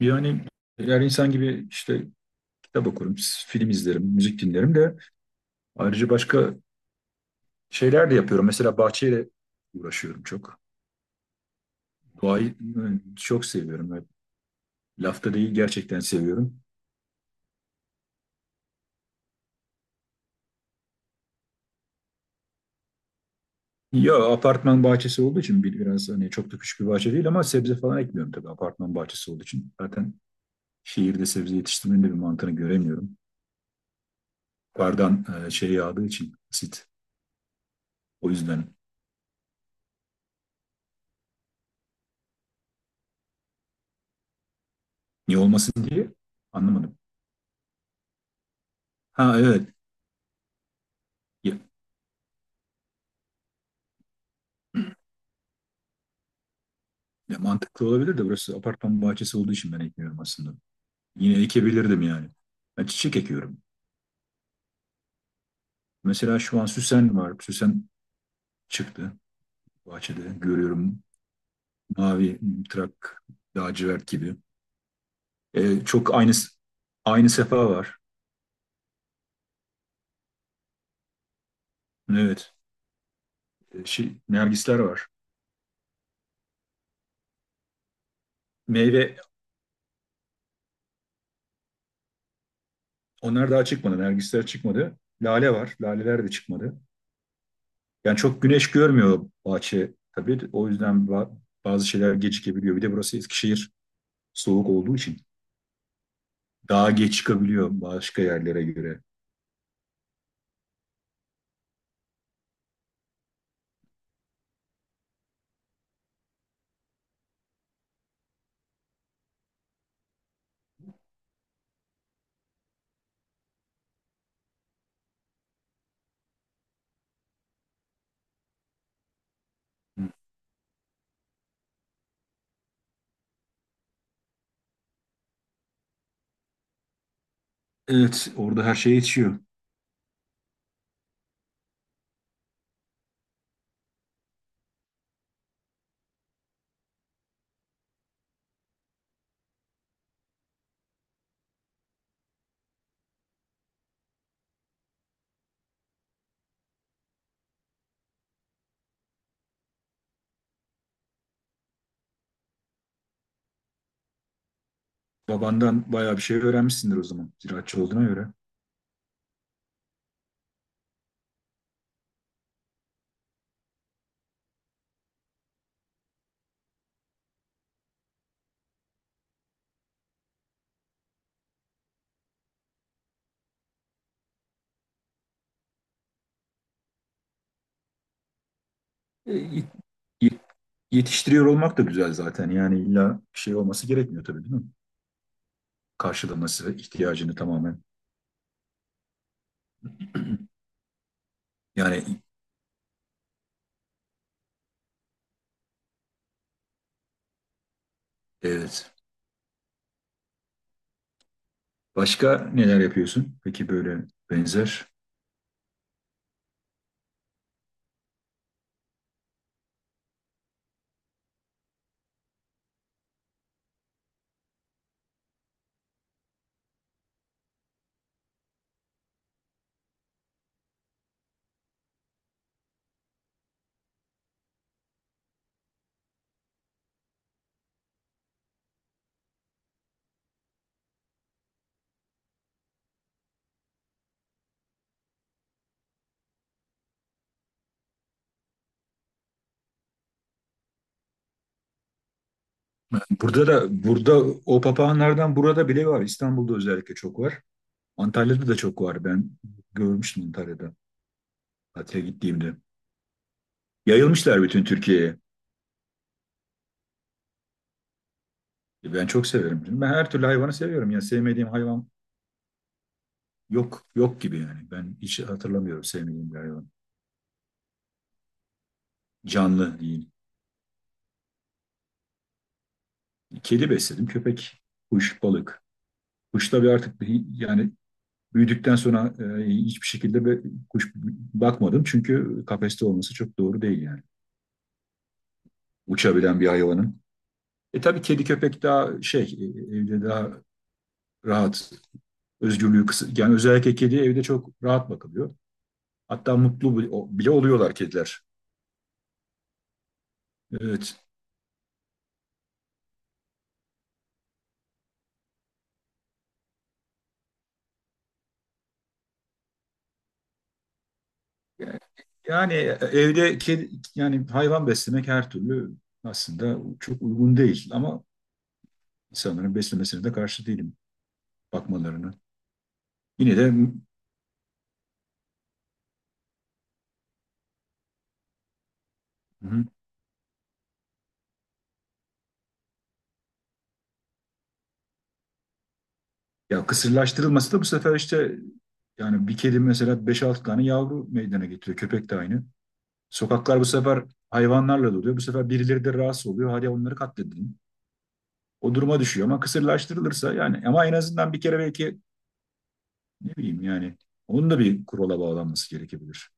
Yani eğer insan gibi işte kitap okurum, film izlerim, müzik dinlerim de ayrıca başka şeyler de yapıyorum. Mesela bahçeyle uğraşıyorum çok. Doğayı çok seviyorum ve lafta değil, gerçekten seviyorum. Ya apartman bahçesi olduğu için biraz, hani çok da küçük bir bahçe değil, ama sebze falan ekmiyorum tabii apartman bahçesi olduğu için. Zaten şehirde sebze yetiştirmenin de bir mantığını göremiyorum. Yukarıdan şey yağdığı için, asit. O yüzden niye olmasın diye anlamadım. Ha, evet. Ya mantıklı olabilir de burası apartman bahçesi olduğu için ben ekmiyorum aslında. Yine ekebilirdim yani. Ben çiçek ekiyorum. Mesela şu an süsen var. Süsen çıktı bahçede. Görüyorum, mavi trak, lacivert gibi. Çok aynı sefa var. Evet. Nergisler var. Meyve, onlar daha çıkmadı. Nergisler çıkmadı. Lale var. Laleler de çıkmadı. Yani çok güneş görmüyor bahçe tabii. O yüzden bazı şeyler gecikebiliyor. Bir de burası Eskişehir, soğuk olduğu için. Daha geç çıkabiliyor başka yerlere göre. Evet, orada her şey yetişiyor. Babandan bayağı bir şey öğrenmişsindir o zaman, ziraatçı olduğuna göre. E, yet- yet- Yetiştiriyor olmak da güzel zaten. Yani illa bir şey olması gerekmiyor, tabii değil mi? Karşılaması ihtiyacını tamamen. Yani, evet. Başka neler yapıyorsun? Peki, böyle benzer. Burada da, o papağanlardan burada bile var. İstanbul'da özellikle çok var. Antalya'da da çok var. Ben görmüştüm Antalya'da tatile gittiğimde. Yayılmışlar bütün Türkiye'ye. Ben çok severim. Ben her türlü hayvanı seviyorum. Yani sevmediğim hayvan yok gibi yani. Ben hiç hatırlamıyorum sevmediğim bir hayvan. Canlı değil. Kedi besledim, köpek, kuş, balık. Kuş tabii artık yani büyüdükten sonra hiçbir şekilde bir kuş bakmadım. Çünkü kafeste olması çok doğru değil yani. Uçabilen bir hayvanın. E tabii kedi köpek daha şey evde daha rahat, özgürlüğü kısıt. Yani özellikle kedi evde çok rahat bakılıyor. Hatta mutlu oluyorlar kediler. Evet. Yani evde kedi, yani hayvan beslemek her türlü aslında çok uygun değil, ama insanların beslemesine de karşı değilim, bakmalarını. Yine de, hı hı. Ya kısırlaştırılması da bu sefer işte, yani bir kedi mesela 5-6 tane yavru meydana getiriyor. Köpek de aynı. Sokaklar bu sefer hayvanlarla doluyor. Bu sefer birileri de rahatsız oluyor. Hadi onları katledelim. O duruma düşüyor ama kısırlaştırılırsa yani, ama en azından bir kere belki. Ne bileyim yani, onun da bir kurala bağlanması gerekebilir.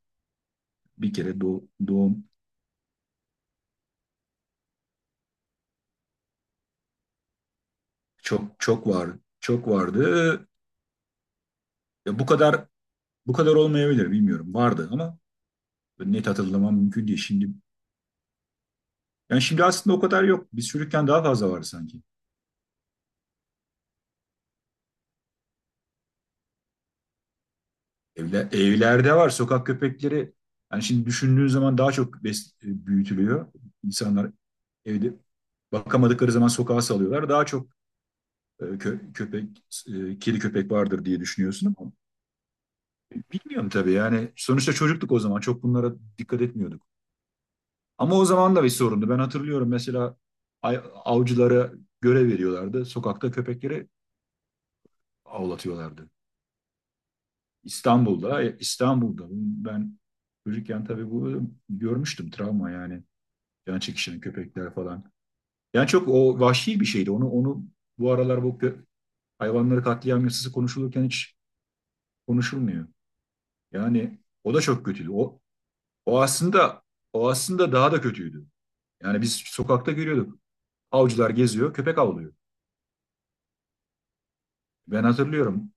Bir kere doğum. Çok çok var, çok vardı. Ya bu kadar olmayabilir, bilmiyorum. Vardı ama net hatırlamam mümkün değil şimdi. Yani şimdi aslında o kadar yok. Biz çocukken daha fazla var sanki. Evler, evlerde var sokak köpekleri. Yani şimdi düşündüğün zaman daha çok büyütülüyor. İnsanlar evde bakamadıkları zaman sokağa salıyorlar. Daha çok köpek, kedi köpek vardır diye düşünüyorsun ama bilmiyorum tabii yani, sonuçta çocuktuk o zaman, çok bunlara dikkat etmiyorduk. Ama o zaman da bir sorundu. Ben hatırlıyorum mesela avcılara görev veriyorlardı. Sokakta köpekleri avlatıyorlardı. İstanbul'da. Ben çocukken tabii bu görmüştüm, travma yani. Can çekişen köpekler falan. Yani çok o vahşi bir şeydi. Onu bu aralar, bu hayvanları katliam yasası konuşulurken hiç konuşulmuyor. Yani o da çok kötüydü. O aslında o aslında daha da kötüydü. Yani biz sokakta görüyorduk. Avcılar geziyor, köpek avlıyor. Ben hatırlıyorum.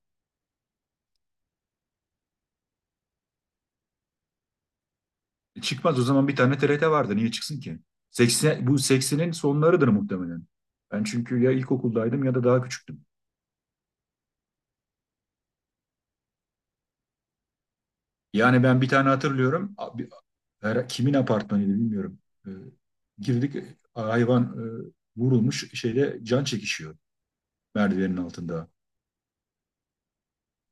Çıkmaz, o zaman bir tane TRT vardı. Niye çıksın ki? 80, bu 80'in sonlarıdır muhtemelen. Ben çünkü ya ilkokuldaydım ya da daha küçüktüm. Yani ben bir tane hatırlıyorum. Abi, kimin apartmanıydı bilmiyorum. E, girdik, hayvan vurulmuş şeyde can çekişiyor merdivenin altında.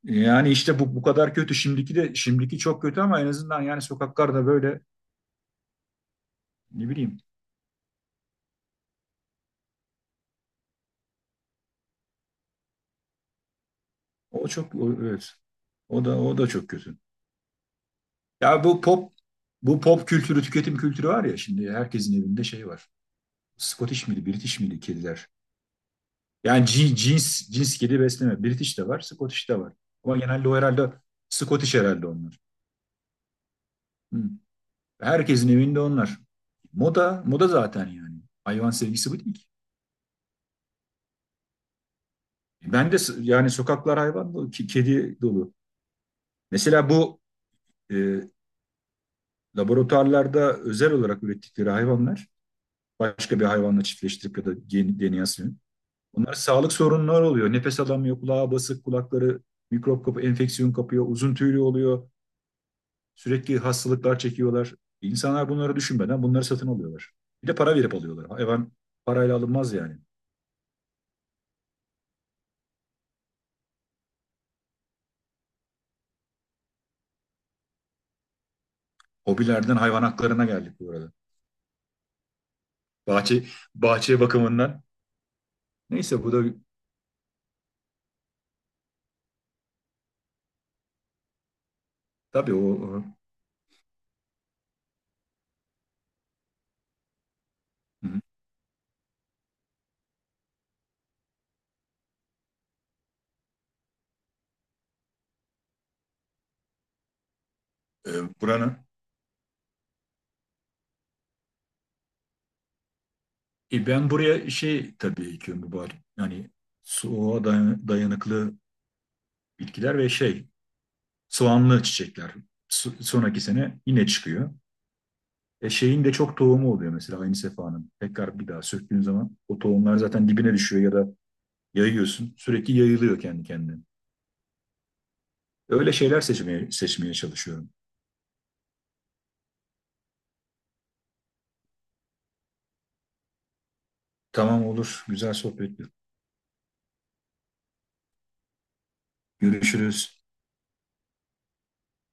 Yani işte bu kadar kötü. Şimdiki çok kötü ama en azından yani sokaklarda böyle, ne bileyim. O çok evet. O da çok kötü. Ya bu pop kültürü, tüketim kültürü var ya, şimdi herkesin evinde şey var. Scottish miydi, British miydi kediler? Yani cins cins kedi besleme. British de var, Scottish de var. Ama genelde o herhalde, Scottish herhalde onlar. Hı. Herkesin evinde onlar. Moda, moda zaten yani. Hayvan sevgisi bu değil ki. Ben de yani sokaklar hayvan dolu, kedi dolu. Mesela bu e, laboratuvarlarda özel olarak ürettikleri hayvanlar başka bir hayvanla çiftleştirip ya da onlar sağlık sorunları oluyor. Nefes alamıyor, kulağı basık, kulakları mikrop kapı, enfeksiyon kapıyor, uzun tüylü oluyor. Sürekli hastalıklar çekiyorlar. İnsanlar bunları düşünmeden bunları satın alıyorlar. Bir de para verip alıyorlar. Hayvan parayla alınmaz yani. Hobilerden hayvan haklarına geldik bu arada. Bahçe, bahçe bakımından. Neyse, bu da tabii o. E, Buranın. Ben buraya şey tabii ekiyorum bu bahçe. Yani soğuğa dayanıklı bitkiler ve şey, soğanlı çiçekler sonraki sene yine çıkıyor. Şeyin de çok tohumu oluyor, mesela aynı sefanın. Tekrar bir daha söktüğün zaman o tohumlar zaten dibine düşüyor ya da yayıyorsun. Sürekli yayılıyor kendi kendine. Öyle şeyler seçmeye çalışıyorum. Tamam, olur. Güzel sohbetti. Görüşürüz.